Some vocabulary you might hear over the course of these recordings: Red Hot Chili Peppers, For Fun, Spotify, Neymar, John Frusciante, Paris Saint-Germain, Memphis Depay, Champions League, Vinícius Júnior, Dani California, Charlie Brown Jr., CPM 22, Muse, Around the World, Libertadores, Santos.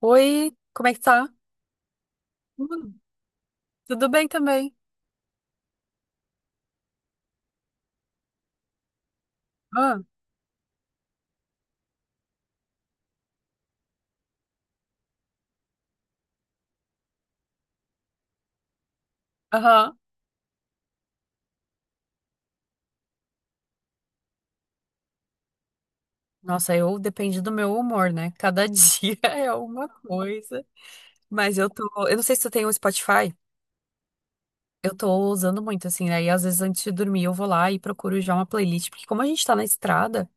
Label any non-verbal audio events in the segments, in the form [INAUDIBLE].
Oi, como é que tá? Hum, tudo bem também. Ah, aham. Nossa, eu depende do meu humor, né? Cada [LAUGHS] dia é uma coisa. Mas eu tô. Eu não sei se tu tem o Spotify. Eu tô usando muito, assim, aí às vezes antes de dormir eu vou lá e procuro já uma playlist, porque como a gente tá na estrada,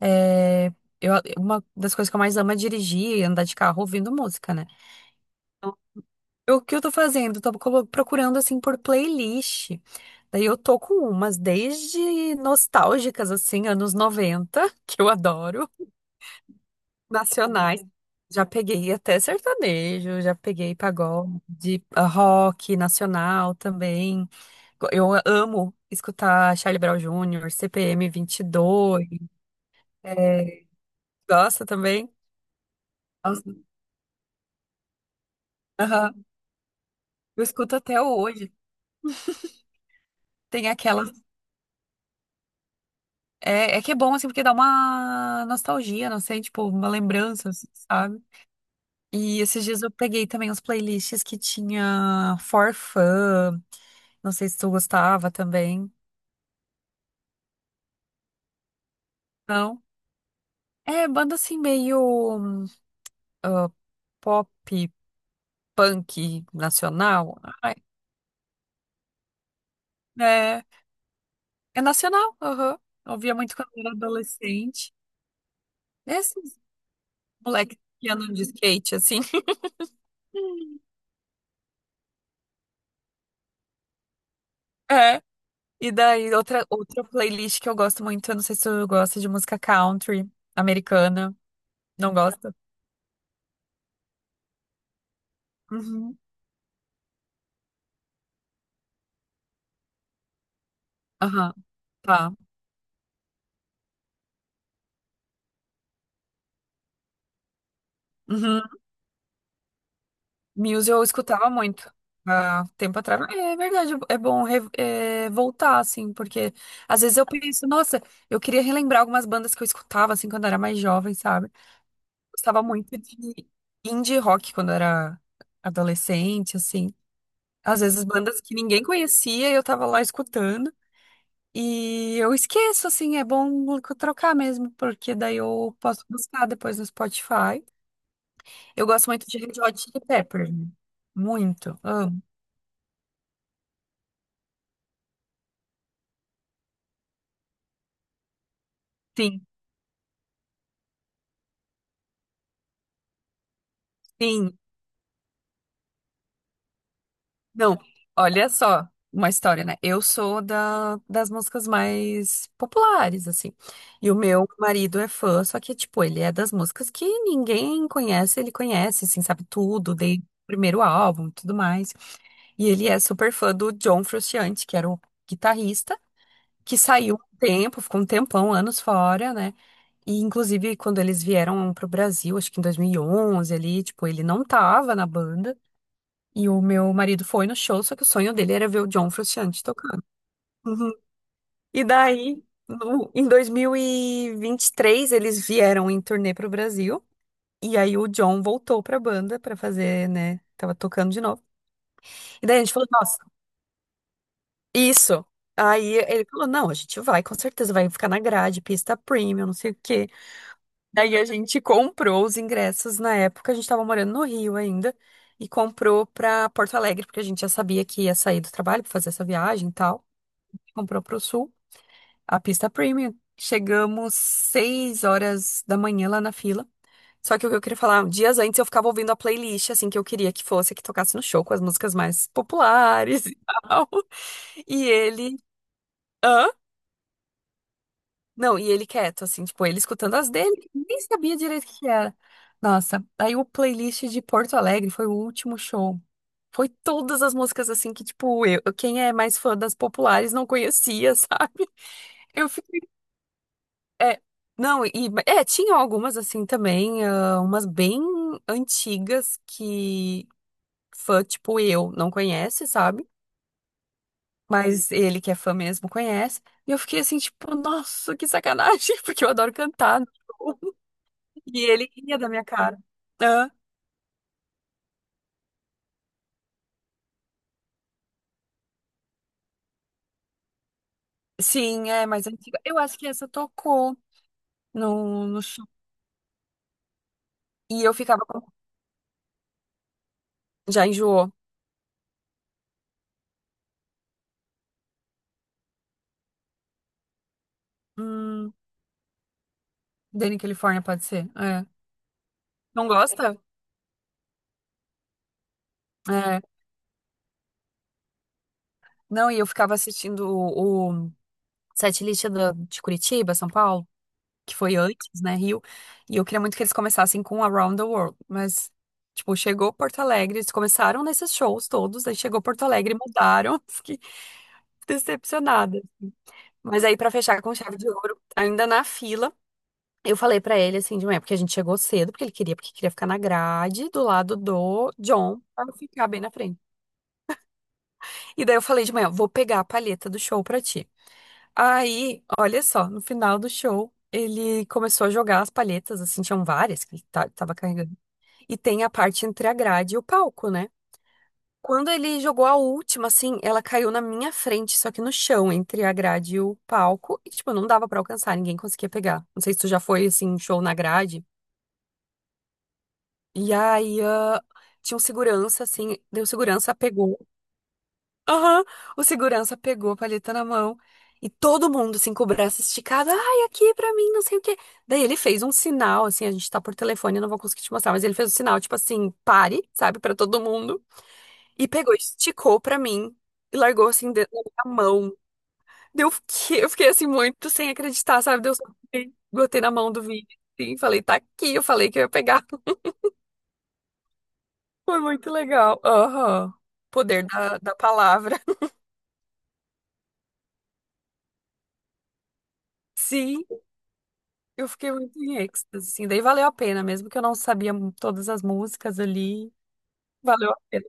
é, uma das coisas que eu mais amo é dirigir e andar de carro ouvindo música, né? O que eu tô fazendo? Tô procurando assim por playlist. Daí eu tô com umas desde nostálgicas, assim, anos 90 [LAUGHS] que eu adoro, nacionais. Já peguei até sertanejo, já peguei pagode, rock nacional também. Eu amo escutar Charlie Brown Jr., CPM 22. É, gosta também? Nossa, aham. Eu escuto até hoje. Tem aquela É, é que é bom, assim, porque dá uma nostalgia, não sei, tipo, uma lembrança, assim, sabe? E esses dias eu peguei também uns playlists que tinha For Fun, não sei se tu gostava também, não? É, banda assim meio ah, pop, punk, nacional. Ai, é, é nacional, aham. Ouvia muito quando eu era adolescente. Esses moleques que andam de skate, assim. [LAUGHS] é E daí, outra playlist que eu gosto muito, eu não sei se tu gosta de música country americana. Não gosta? Uhum. Aham. Tá. Uhum. Muse eu escutava muito há tempo atrás. É verdade, é bom voltar, assim, porque às vezes eu penso, nossa, eu queria relembrar algumas bandas que eu escutava, assim, quando eu era mais jovem, sabe? Gostava muito de indie rock quando eu era adolescente, assim. Às vezes bandas que ninguém conhecia e eu tava lá escutando. E eu esqueço, assim, é bom trocar mesmo, porque daí eu posso buscar depois no Spotify. Eu gosto muito de Red Hot Chili Peppers, né? Muito, amo. Sim, sim. Não, olha só, uma história, né? Eu sou das músicas mais populares, assim. E o meu marido é fã, só que, tipo, ele é das músicas que ninguém conhece, ele conhece, assim, sabe tudo, desde o primeiro álbum e tudo mais. E ele é super fã do John Frusciante, que era o guitarrista. Que saiu um tempo, ficou um tempão, anos fora, né? E inclusive quando eles vieram pro Brasil, acho que em 2011 ali, tipo, ele não tava na banda. E o meu marido foi no show, só que o sonho dele era ver o John Frusciante tocando. Uhum. E daí, em 2023, eles vieram em turnê pro Brasil. E aí o John voltou pra banda pra fazer, né? Tava tocando de novo. E daí a gente falou, nossa, isso. Aí ele falou, não, a gente vai, com certeza vai ficar na grade, pista premium, não sei o quê. Daí a gente comprou os ingressos na época, a gente tava morando no Rio ainda, e comprou pra Porto Alegre, porque a gente já sabia que ia sair do trabalho pra fazer essa viagem e tal. Comprou pro Sul, a pista premium. Chegamos 6 horas da manhã lá na fila. Só que o que eu queria falar, dias antes eu ficava ouvindo a playlist, assim, que eu queria que fosse, que tocasse no show, com as músicas mais populares [LAUGHS] e tal. E ele. Hã? Não, e ele quieto, assim, tipo, ele escutando as dele, nem sabia direito o que que era. Nossa, aí o playlist de Porto Alegre foi o último show. Foi todas as músicas, assim, que, tipo, quem é mais fã das populares não conhecia, [LAUGHS] sabe? Eu fiquei. É, não, e. É, tinham algumas, assim, também, umas bem antigas que fã, tipo, eu não conhece, sabe? Mas ele que é fã mesmo conhece. E eu fiquei assim, tipo, nossa, que sacanagem, [LAUGHS] porque eu adoro cantar. E ele ria da minha cara. Hã? Sim, é mais antiga. Eu acho que essa tocou no show. E eu ficava com. Já enjoou. Hum, Dani California pode ser. É. Não gosta? É. Não, e eu ficava assistindo o setlist de Curitiba, São Paulo, que foi antes, né, Rio. E eu queria muito que eles começassem com Around the World. Mas, tipo, chegou Porto Alegre, eles começaram nesses shows todos, aí chegou Porto Alegre e mudaram. [LAUGHS] Fiquei decepcionada. Mas aí, pra fechar com chave de ouro, ainda na fila, eu falei pra ele assim de manhã, porque a gente chegou cedo, porque ele queria, porque queria ficar na grade do lado do John, pra eu ficar bem na frente. E daí eu falei de manhã, vou pegar a palheta do show pra ti. Aí, olha só, no final do show, ele começou a jogar as palhetas, assim, tinham várias que ele tava carregando. E tem a parte entre a grade e o palco, né? Quando ele jogou a última, assim, ela caiu na minha frente, só que no chão, entre a grade e o palco. E, tipo, não dava pra alcançar, ninguém conseguia pegar. Não sei se tu já foi, assim, em show na grade. E aí, tinha um segurança, assim, deu segurança, pegou. Aham, o segurança pegou a palheta na mão. E todo mundo, assim, com o braço esticado. Ai, aqui pra mim, não sei o quê. Daí ele fez um sinal, assim, a gente tá por telefone, eu não vou conseguir te mostrar, mas ele fez um sinal, tipo assim, pare, sabe, pra todo mundo. E pegou, esticou pra mim e largou assim dentro da minha mão. Deu, eu fiquei, assim muito sem acreditar, sabe? Deu só botei na mão do vídeo assim, falei, tá aqui, eu falei que eu ia pegar. [LAUGHS] Foi muito legal. Aham. Poder da palavra. [LAUGHS] Sim, eu fiquei muito em êxtase, assim. Daí valeu a pena, mesmo que eu não sabia todas as músicas ali. Valeu a pena.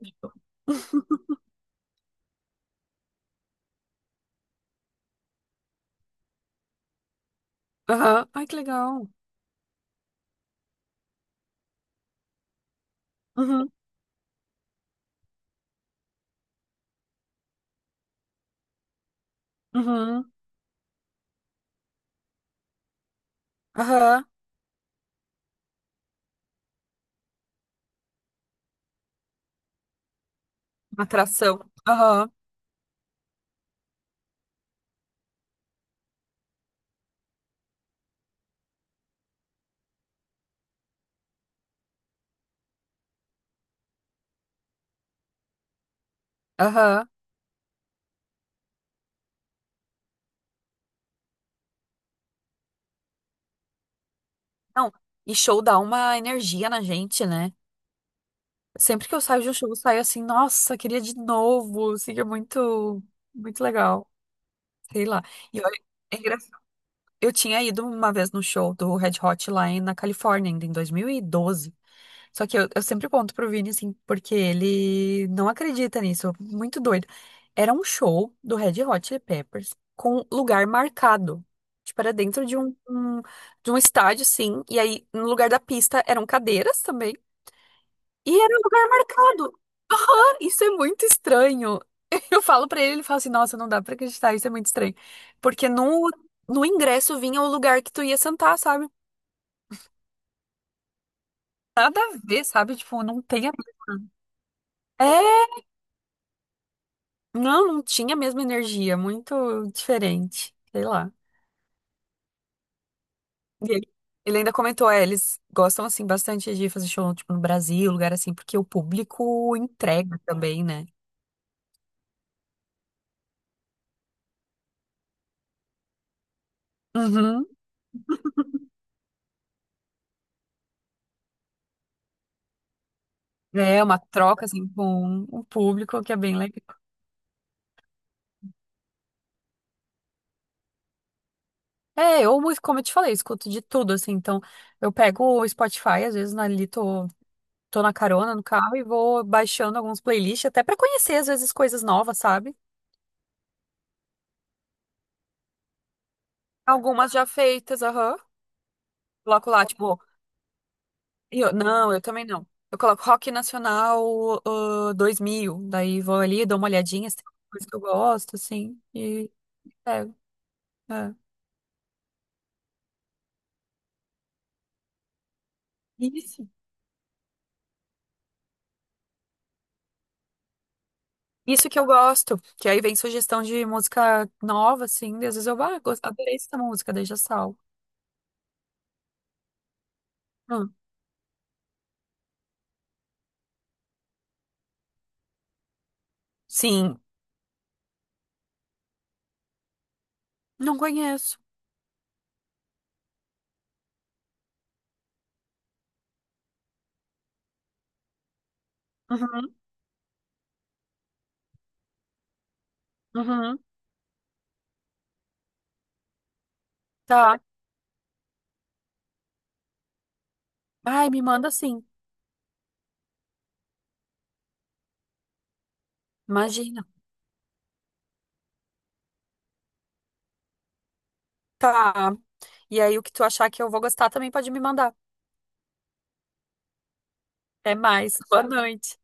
Aham. Ai, que legal. Uhum. Uhum. Aham. Atração. Aham. Aham. Não, e show dá uma energia na gente, né? Sempre que eu saio de um show, eu saio assim, nossa, queria de novo. Assim, é muito, muito legal. Sei lá. E olha, é engraçado. Eu tinha ido uma vez no show do Red Hot lá na Califórnia, ainda em 2012. Só que eu sempre conto pro Vini, assim, porque ele não acredita nisso. Muito doido. Era um show do Red Hot Chili Peppers com lugar marcado. Tipo, era dentro de um estádio, sim. E aí, no lugar da pista, eram cadeiras também. E era um lugar marcado. Ah, isso é muito estranho. [LAUGHS] Eu falo pra ele, ele fala assim, nossa, não dá pra acreditar, isso é muito estranho. Porque no ingresso vinha o lugar que tu ia sentar, sabe? Nada a ver, sabe? Tipo, não tem. É. Não, não tinha a mesma energia, muito diferente, sei lá. E ele ainda comentou, eles gostam, assim, bastante de fazer show, tipo, no Brasil, lugar assim, porque o público entrega também, né? Uhum. É uma troca, assim, com o público, que é bem legal. É, como eu te falei, escuto de tudo, assim, então eu pego o Spotify, às vezes, ali tô na carona, no carro, e vou baixando alguns playlists, até pra conhecer, às vezes, coisas novas, sabe? Algumas já feitas, aham. Coloco lá, tipo, não, eu também não. Eu coloco Rock Nacional 2000. Daí vou ali, dou uma olhadinha, se tem alguma coisa que eu gosto, assim, e pego. É. Isso. Isso que eu gosto, que aí vem sugestão de música nova, assim, daí às vezes adorei essa música, daí já salvo. Hum, Sim, não conheço. Uhum, uhum, tá. Ai, me manda sim, imagina. Tá. E aí o que tu achar que eu vou gostar também pode me mandar. Até mais, boa noite.